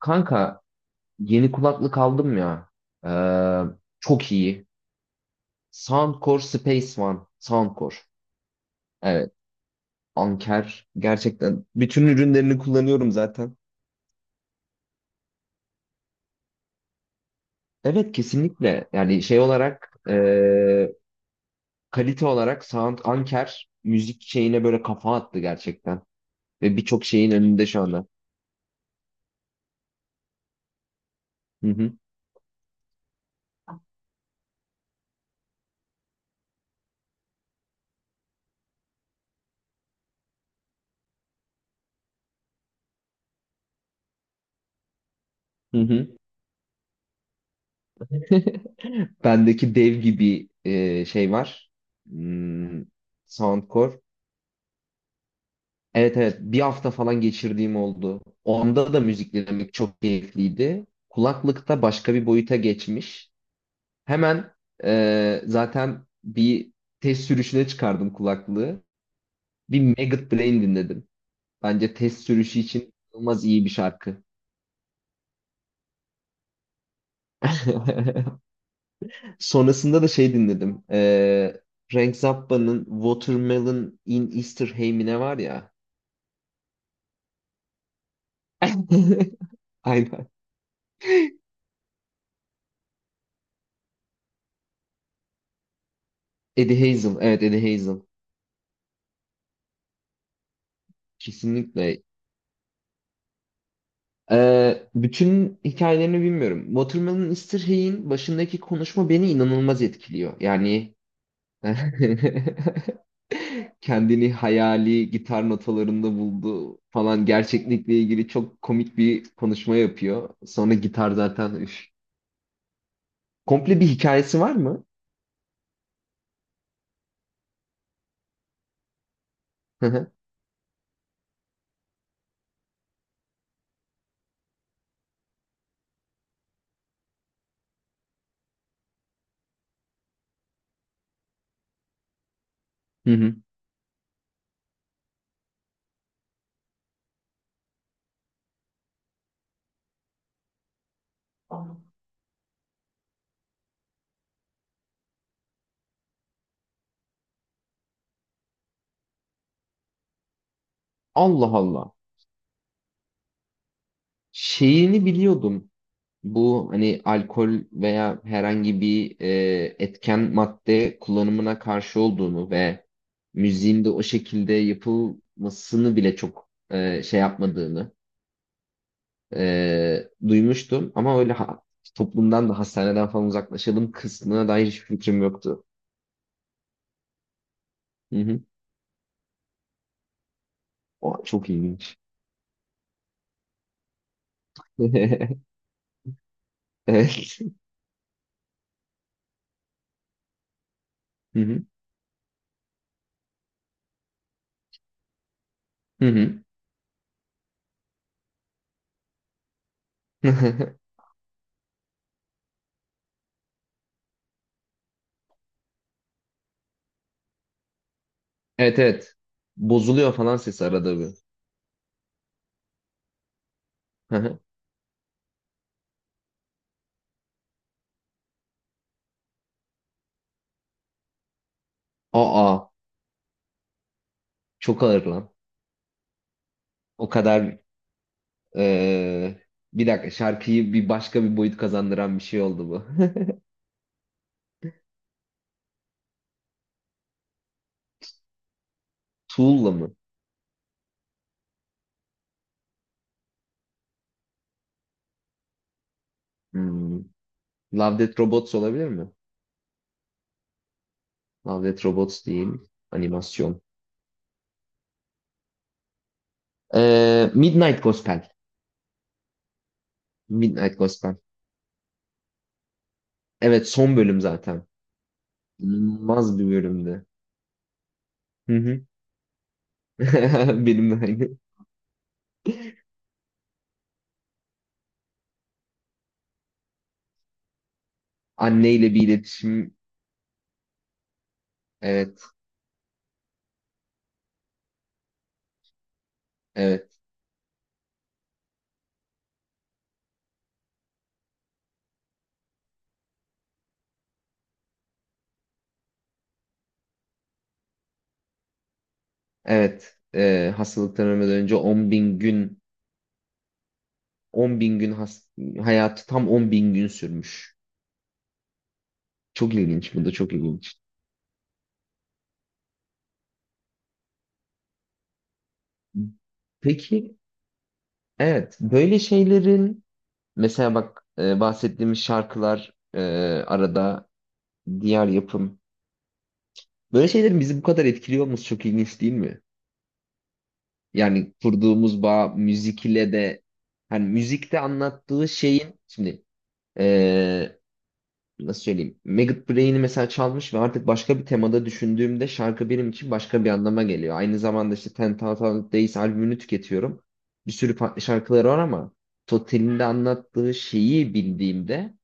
Kanka, yeni kulaklık aldım ya. Ee, Çok iyi. Soundcore Space One. Soundcore. Evet. Anker. Gerçekten bütün ürünlerini kullanıyorum zaten. Evet, kesinlikle. Yani şey olarak, kalite olarak Sound Anker müzik şeyine böyle kafa attı gerçekten. Ve birçok şeyin önünde şu anda. Hı hı. Hı hı. Bendeki dev gibi şey var. Hmm, Soundcore. Evet, evet, bir hafta falan geçirdiğim oldu. Onda da müzik dinlemek çok keyifliydi. Kulaklıkta başka bir boyuta geçmiş. Hemen, zaten bir test sürüşüne çıkardım kulaklığı. Bir Maggot Brain dinledim. Bence test sürüşü için inanılmaz iyi bir şarkı. Sonrasında da şey dinledim. Frank Zappa'nın Watermelon in Easter Hay mi ne var ya. Aynen. Eddie Hazel. Evet, Eddie Hazel. Kesinlikle. Bütün hikayelerini bilmiyorum. Watermelon Mr. Hay'in başındaki konuşma beni inanılmaz etkiliyor. Yani kendini hayali gitar notalarında buldu falan, gerçeklikle ilgili çok komik bir konuşma yapıyor. Sonra gitar zaten üf. Komple bir hikayesi var mı? Hı hı. Hı hı. Allah Allah. Şeyini biliyordum. Bu hani alkol veya herhangi bir etken madde kullanımına karşı olduğunu ve müziğin de o şekilde yapılmasını bile çok şey yapmadığını duymuştum. Ama toplumdan da hastaneden falan uzaklaşalım kısmına dair hiçbir fikrim yoktu. Hı hı. O çok ilginç. Evet. Hı hı. Hı hı. Evet, evet. Bozuluyor falan sesi arada bir. Hı hı. Aa, çok ağır lan. O kadar Ee, bir dakika şarkıyı bir başka bir boyut kazandıran bir şey oldu bu. Tool'la mı? Hmm. Love Death Robots olabilir mi? Love Death Robots değil. Animasyon. Midnight Gospel. Midnight Gospel. Evet, son bölüm zaten. İnanılmaz bir bölümdü. Hı hı. Benim de aynı. Anneyle bir iletişim. Evet. Evet. Evet. Hastalıktan ölmeden önce 10 bin gün 10 bin gün has- hayatı tam 10 bin gün sürmüş. Çok ilginç. Bu da çok ilginç. Peki, evet, böyle şeylerin, mesela bak, bahsettiğimiz şarkılar, e, arada diğer yapım böyle şeylerin bizi bu kadar etkiliyor olması çok ilginç değil mi? Yani kurduğumuz bağ müzik ile de, hani müzikte anlattığı şeyin şimdi, e, nasıl söyleyeyim, Maggot Brain'i mesela çalmış ve artık başka bir temada düşündüğümde şarkı benim için başka bir anlama geliyor. Aynı zamanda işte Ten Thousand Days albümünü tüketiyorum. Bir sürü farklı şarkıları var ama Total'in de anlattığı şeyi bildiğimde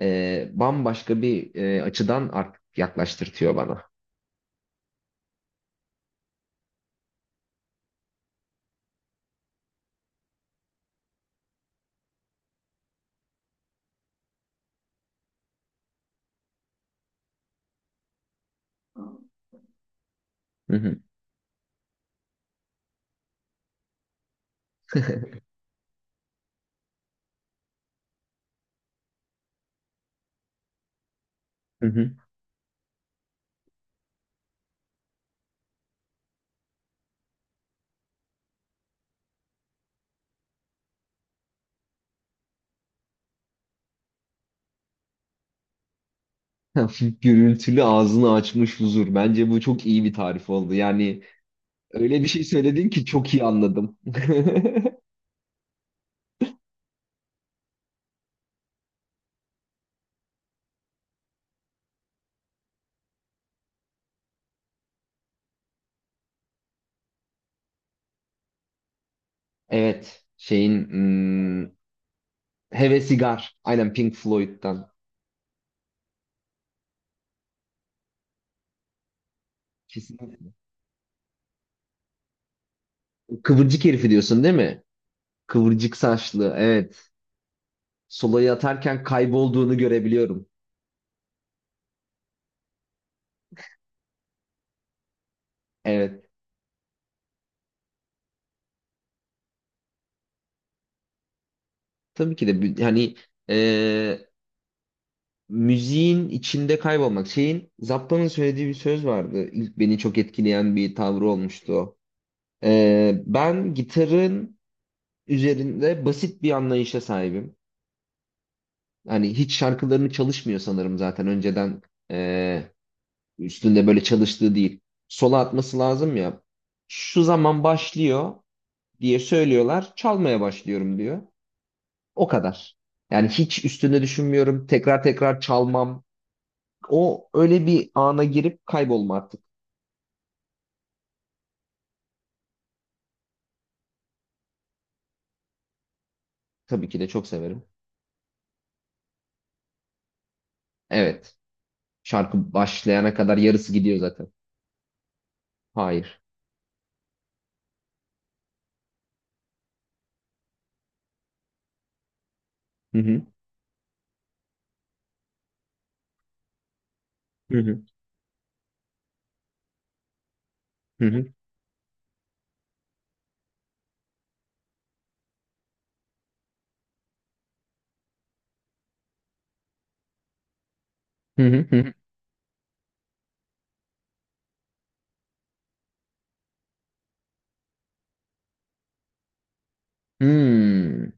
bambaşka bir açıdan artık yaklaştırtıyor bana. Hı hı. Hı hı. Hafif gürültülü ağzını açmış huzur. Bence bu çok iyi bir tarif oldu. Yani öyle bir şey söyledin ki çok iyi anladım. Evet, şeyin Hevesigar. Aynen, Pink Floyd'dan. Kesinlikle. Kıvırcık herifi diyorsun değil mi? Kıvırcık saçlı. Evet. Solo'yu atarken kaybolduğunu görebiliyorum. Evet. Hani, e, müziğin içinde kaybolmak. Şeyin, Zappa'nın söylediği bir söz vardı. İlk beni çok etkileyen bir tavrı olmuştu o. Ben gitarın üzerinde basit bir anlayışa sahibim. Hani hiç şarkılarını çalışmıyor sanırım zaten önceden. Üstünde böyle çalıştığı değil. Sola atması lazım ya. Şu zaman başlıyor diye söylüyorlar. Çalmaya başlıyorum diyor. O kadar. Yani hiç üstünde düşünmüyorum. Tekrar tekrar çalmam. O öyle bir ana girip kaybolma artık. Tabii ki de çok severim. Evet. Şarkı başlayana kadar yarısı gidiyor zaten. Hayır. Hı hı. Hı hı. Hı hı. Hı hı. Hı hı. Hmm.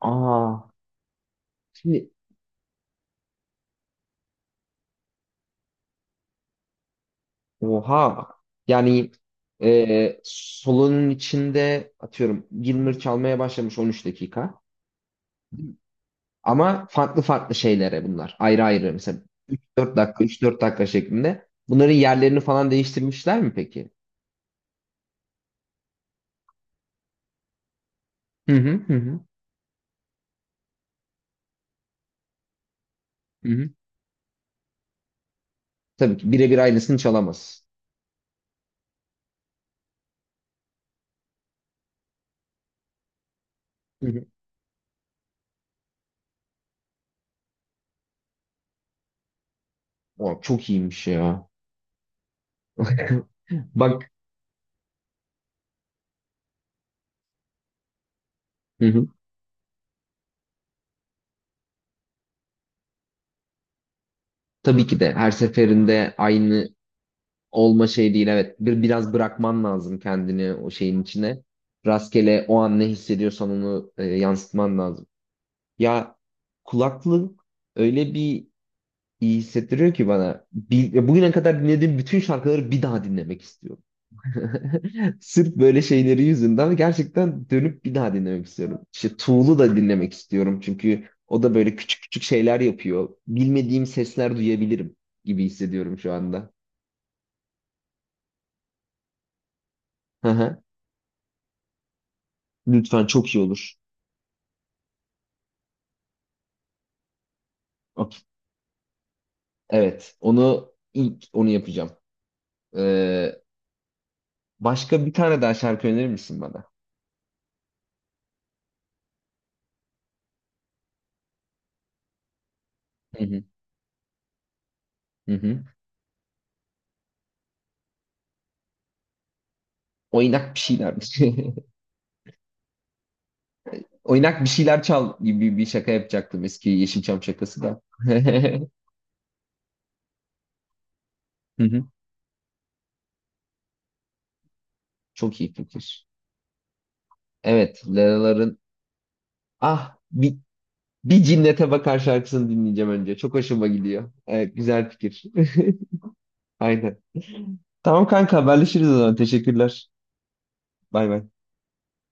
Aa. Şimdi Oha. Yani solunun içinde, atıyorum, Gilmour çalmaya başlamış 13 dakika. Ama farklı farklı şeylere bunlar. Ayrı ayrı mesela 3-4 dakika 3-4 dakika şeklinde. Bunların yerlerini falan değiştirmişler mi peki? Hı hı, hı hı. Hı hı. Tabii ki birebir aynısını çalamaz. Hı hı. O çok iyiymiş ya. Bak, hı hı. Tabii ki de her seferinde aynı olma şey değil evet. Biraz bırakman lazım kendini o şeyin içine. Rastgele o an ne hissediyorsan onu yansıtman lazım. Ya, kulaklık öyle bir iyi hissettiriyor ki bana. Bugüne kadar dinlediğim bütün şarkıları bir daha dinlemek istiyorum. Sırf böyle şeyleri yüzünden gerçekten dönüp bir daha dinlemek istiyorum. İşte Tool'u da dinlemek istiyorum çünkü o da böyle küçük küçük şeyler yapıyor. Bilmediğim sesler duyabilirim gibi hissediyorum şu anda. Hı hı. Lütfen, çok iyi olur. Okey. Evet. Onu ilk yapacağım. Ee, Başka bir tane daha şarkı önerir misin bana? Hı hı. Hı hı. Oynak bir şeyler. Oynak bir şeyler çal gibi bir şaka yapacaktım, eski Yeşilçam şakası da. Hı hı. Çok iyi fikir. Evet, Leraların ah bir, bir cinnete bakar şarkısını dinleyeceğim önce. Çok hoşuma gidiyor. Evet, güzel fikir. Aynen. Tamam kanka, haberleşiriz o zaman. Teşekkürler. Bay bay.